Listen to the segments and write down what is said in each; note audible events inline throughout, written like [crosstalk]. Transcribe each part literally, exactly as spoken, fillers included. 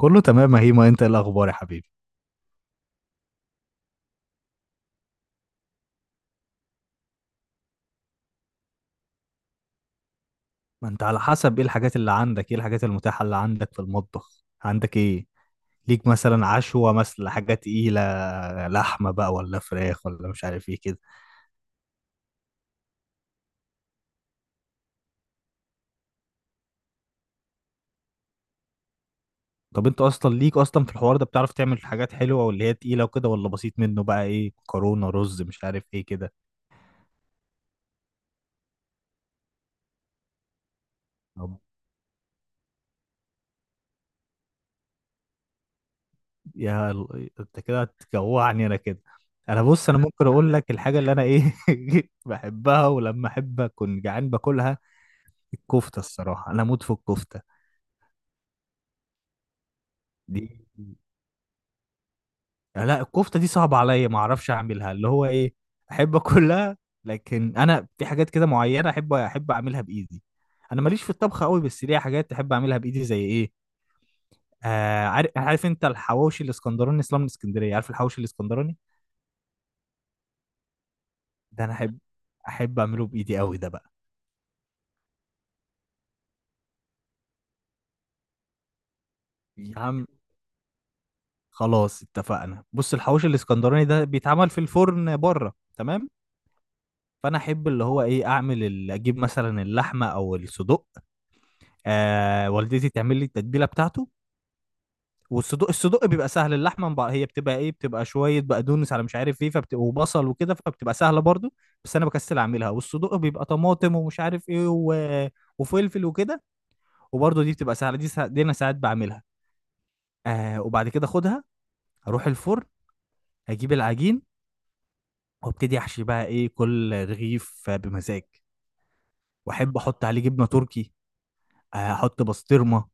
كله تمام، هي ما انت ايه الاخبار يا حبيبي؟ ما انت على حسب ايه الحاجات اللي عندك، ايه الحاجات المتاحة اللي عندك في المطبخ؟ عندك ايه؟ ليك مثلا عشوة، مثلا حاجة تقيلة؟ لحمة بقى ولا فراخ ولا مش عارف ايه كده. طب انت اصلا ليك اصلا في الحوار ده؟ بتعرف تعمل حاجات حلوة واللي هي تقيلة وكده ولا بسيط منه بقى، ايه، مكرونة رز مش عارف ايه كده. طب يا ال- انت كده هتجوعني انا كده. انا بص انا ممكن اقول لك الحاجه اللي انا ايه [laughs] بحبها، ولما احب اكون جعان باكلها. الكفته، الصراحه انا اموت في الكفته. دي لا الكفته دي صعبه عليا، ما اعرفش اعملها اللي هو ايه. احب اكلها. لكن انا في حاجات كده معينه احب احب اعملها بايدي. انا ماليش في الطبخ قوي، بس ليا حاجات احب اعملها بايدي، زي ايه. آه عارف عارف، انت الحواوشي الاسكندراني اصلا من اسكندريه، عارف الحواوشي الاسكندراني. ده انا احب احب اعمله بايدي قوي ده بقى. يا عم خلاص اتفقنا. بص، الحواوشي الاسكندراني ده بيتعمل في الفرن بره، تمام. فانا احب اللي هو ايه، اعمل ال- اجيب مثلا اللحمه او الصدوق. آه، والدتي تعمل لي التتبيله بتاعته. والصدوق الصدوق بيبقى سهل. اللحمه مبقى هي بتبقى ايه، بتبقى شويه بقدونس على مش عارف ايه، فبتبقى وبصل وكده، فبتبقى سهله برضو. بس انا بكسل اعملها. والصدوق بيبقى طماطم ومش عارف ايه و... وفلفل وكده. وبرضو دي بتبقى سهله، دي, سا... دي انا ساعات بعملها. آه، وبعد كده اخدها، اروح الفرن، اجيب العجين، وابتدي احشي بقى ايه، كل رغيف بمزاج. واحب احط عليه جبنه تركي. آه، احط بسطرمه.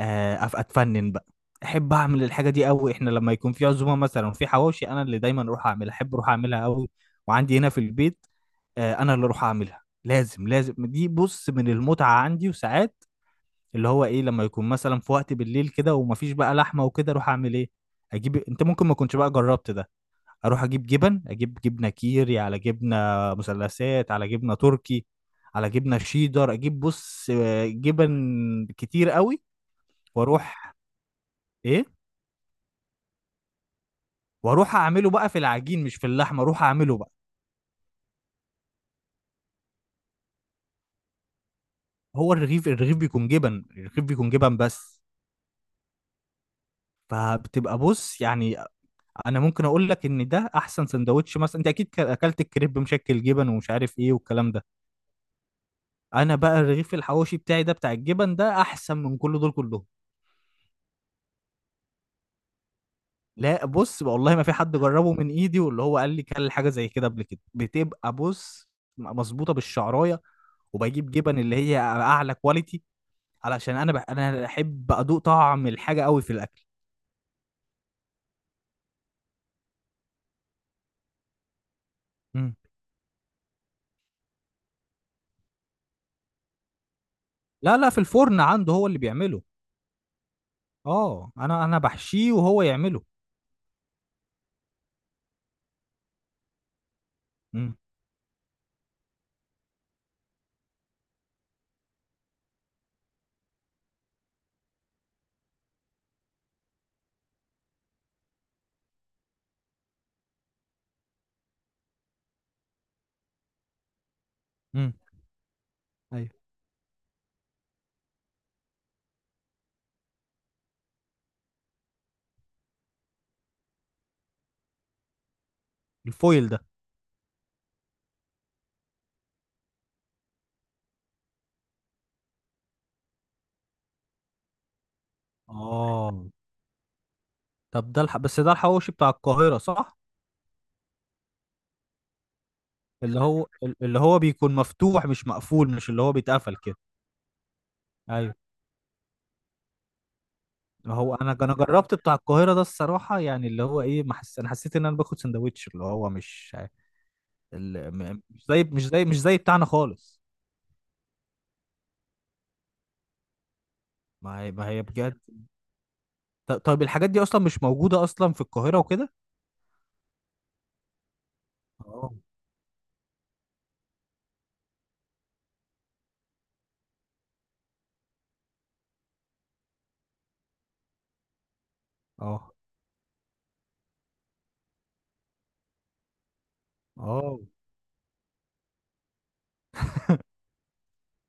آه، أف- اتفنن بقى. احب اعمل الحاجه دي قوي، احنا لما يكون في عزومه مثلا وفي حواوشي، انا اللي دايما اروح اعملها، احب اروح اعملها قوي. وعندي هنا في البيت، آه، انا اللي اروح اعملها لازم لازم. دي بص من المتعه عندي. وساعات اللي هو ايه لما يكون مثلا في وقت بالليل كده ومفيش بقى لحمه وكده، اروح اعمل ايه، اجيب، انت ممكن ما كنتش بقى جربت ده، اروح اجيب جبن، اجيب جبنه كيري، على جبنه مثلثات، على جبنه تركي، على جبنه شيدر. اجيب بص آه، جبن كتير قوي. واروح، ايه، واروح اعمله بقى في العجين مش في اللحمه، اروح اعمله بقى. هو الرغيف الرغيف بيكون جبن، الرغيف بيكون جبن بس. فبتبقى بص يعني. انا ممكن اقول لك ان ده احسن سندوتش، مثلا انت اكيد ك- اكلت الكريب مشكل جبن ومش عارف ايه والكلام ده. انا بقى الرغيف الحواوشي بتاعي ده بتاع الجبن ده احسن من كل دول كلهم. لا بص، والله ما في حد جربه من ايدي واللي هو قال لي كل حاجه زي كده قبل كده بتبقى بص، مظبوطه بالشعرايه، وبجيب جبن اللي هي اعلى كواليتي، علشان انا بح... انا احب ادوق طعم الحاجه قوي في الاكل. مم. لا لا، في الفرن عنده هو اللي بيعمله. اه، انا انا بحشيه وهو يعمله. مم. مم. ايوه. الفويل ده. اه طب ده الح... بس ده الحواوشي بتاع القاهرة صح؟ اللي هو [laughs] اللي هو بيكون مفتوح مش مقفول، مش اللي هو بيتقفل كده. ايوه. هو انا انا جربت بتاع القاهرة ده الصراحة، يعني اللي هو ايه، ما حس... انا حسيت ان انا باخد سندوتش اللي هو مش ال- م- مش زي مش زي مش زي بتاعنا خالص. ما هي ما هي بجد. ط- طيب الحاجات دي اصلا مش موجوده اصلا في القاهره وكده. اه. اه. اه.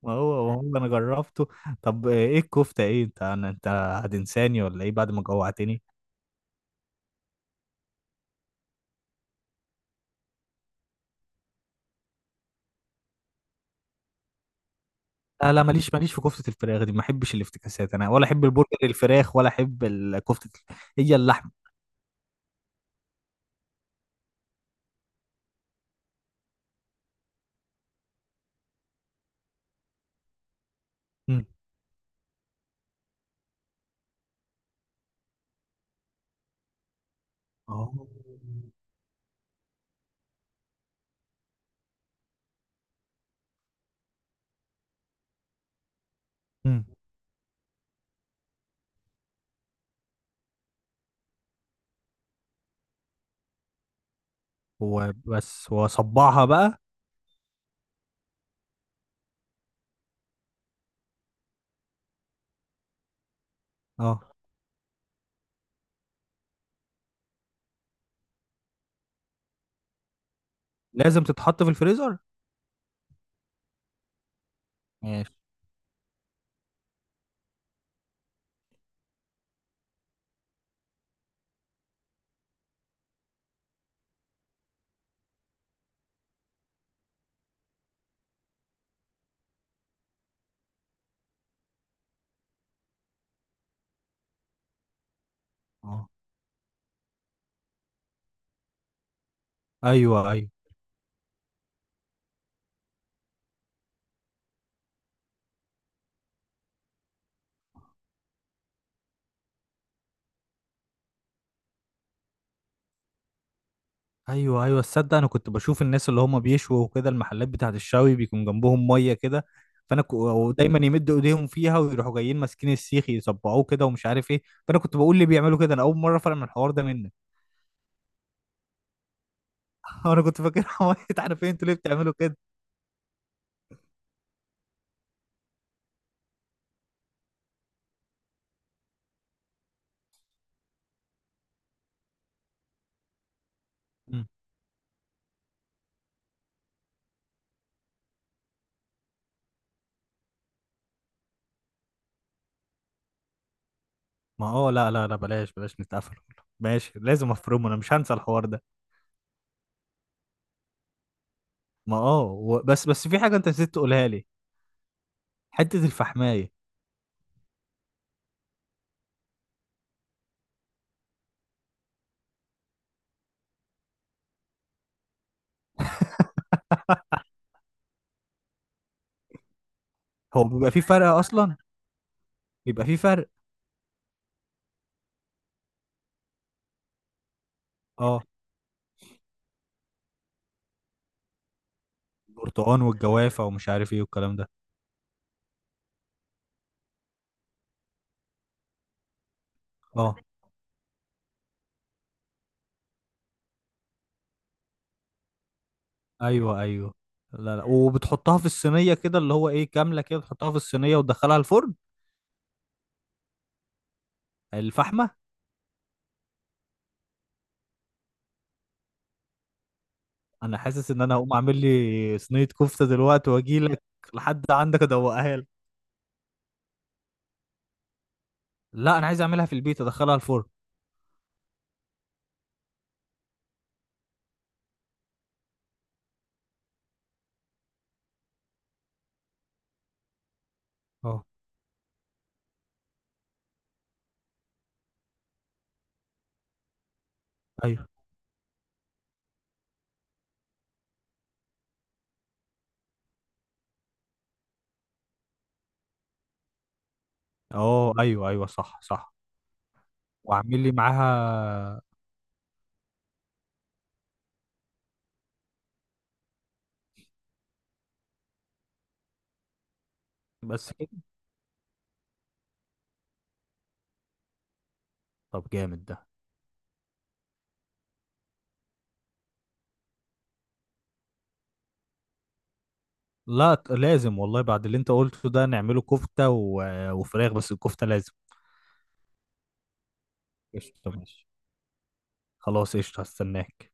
ما هو ما هو انا جربته. طب ايه الكفته، ايه، انت انا انت هتنساني ولا ايه بعد ما جوعتني؟ لا لا، ماليش ماليش في كفته الفراخ دي، ما احبش الافتكاسات انا، ولا احب البرجر الفراخ، ولا احب ال- كفته ال- هي اللحمه. مم. اه. مم. وبس، واصبعها بقى. اه، لازم تتحط في الفريزر. ماشي. اه ايوه ايوه. ايوه ايوه، تصدق انا كنت بشوف الناس اللي هم بيشوا وكده المحلات بتاعت الشوي بيكون جنبهم ميه كده. فانا ك... ودايما يمدوا ايديهم فيها ويروحوا جايين ماسكين السيخ يصبعوه كده ومش عارف ايه. فانا كنت بقول ليه بيعملوا كده، انا اول مره افهم الحوار ده منك. [laughs] انا كنت فاكرها ميه [laughs] عارف ايه انتوا ليه بتعملوا كده. مم. ما اه لا لا لا، بلاش بلاش نتقفل والله. ماشي، لازم افرمه، انا مش هنسى الحوار ده. ما اه و... بس بس في حاجه انت نسيت تقولها لي. حته الفحمايه. هو بيبقى في فرق اصلا؟ بيبقى في فرق. اه. البرتقال والجوافه ومش عارف ايه والكلام ده. اه ايوه ايوه. لا لا، وبتحطها في الصينيه كده اللي هو ايه كامله كده، بتحطها في الصينيه وتدخلها الفرن. الفحمه. انا حاسس ان انا هقوم اعمل لي صينيه كفته دلوقتي واجي لك لحد عندك ادوقها لك. لا انا عايز اعملها في البيت ادخلها الفرن. اه ايوه. اه ايوه ايوه صح صح. واعمل لي معاها. بس كده. طب جامد ده. لا ت- لازم والله، بعد اللي انت قلته ده نعمله كفته و... وفراخ، بس الكفته لازم. قشطه ماشي. خلاص قشطه هستناك.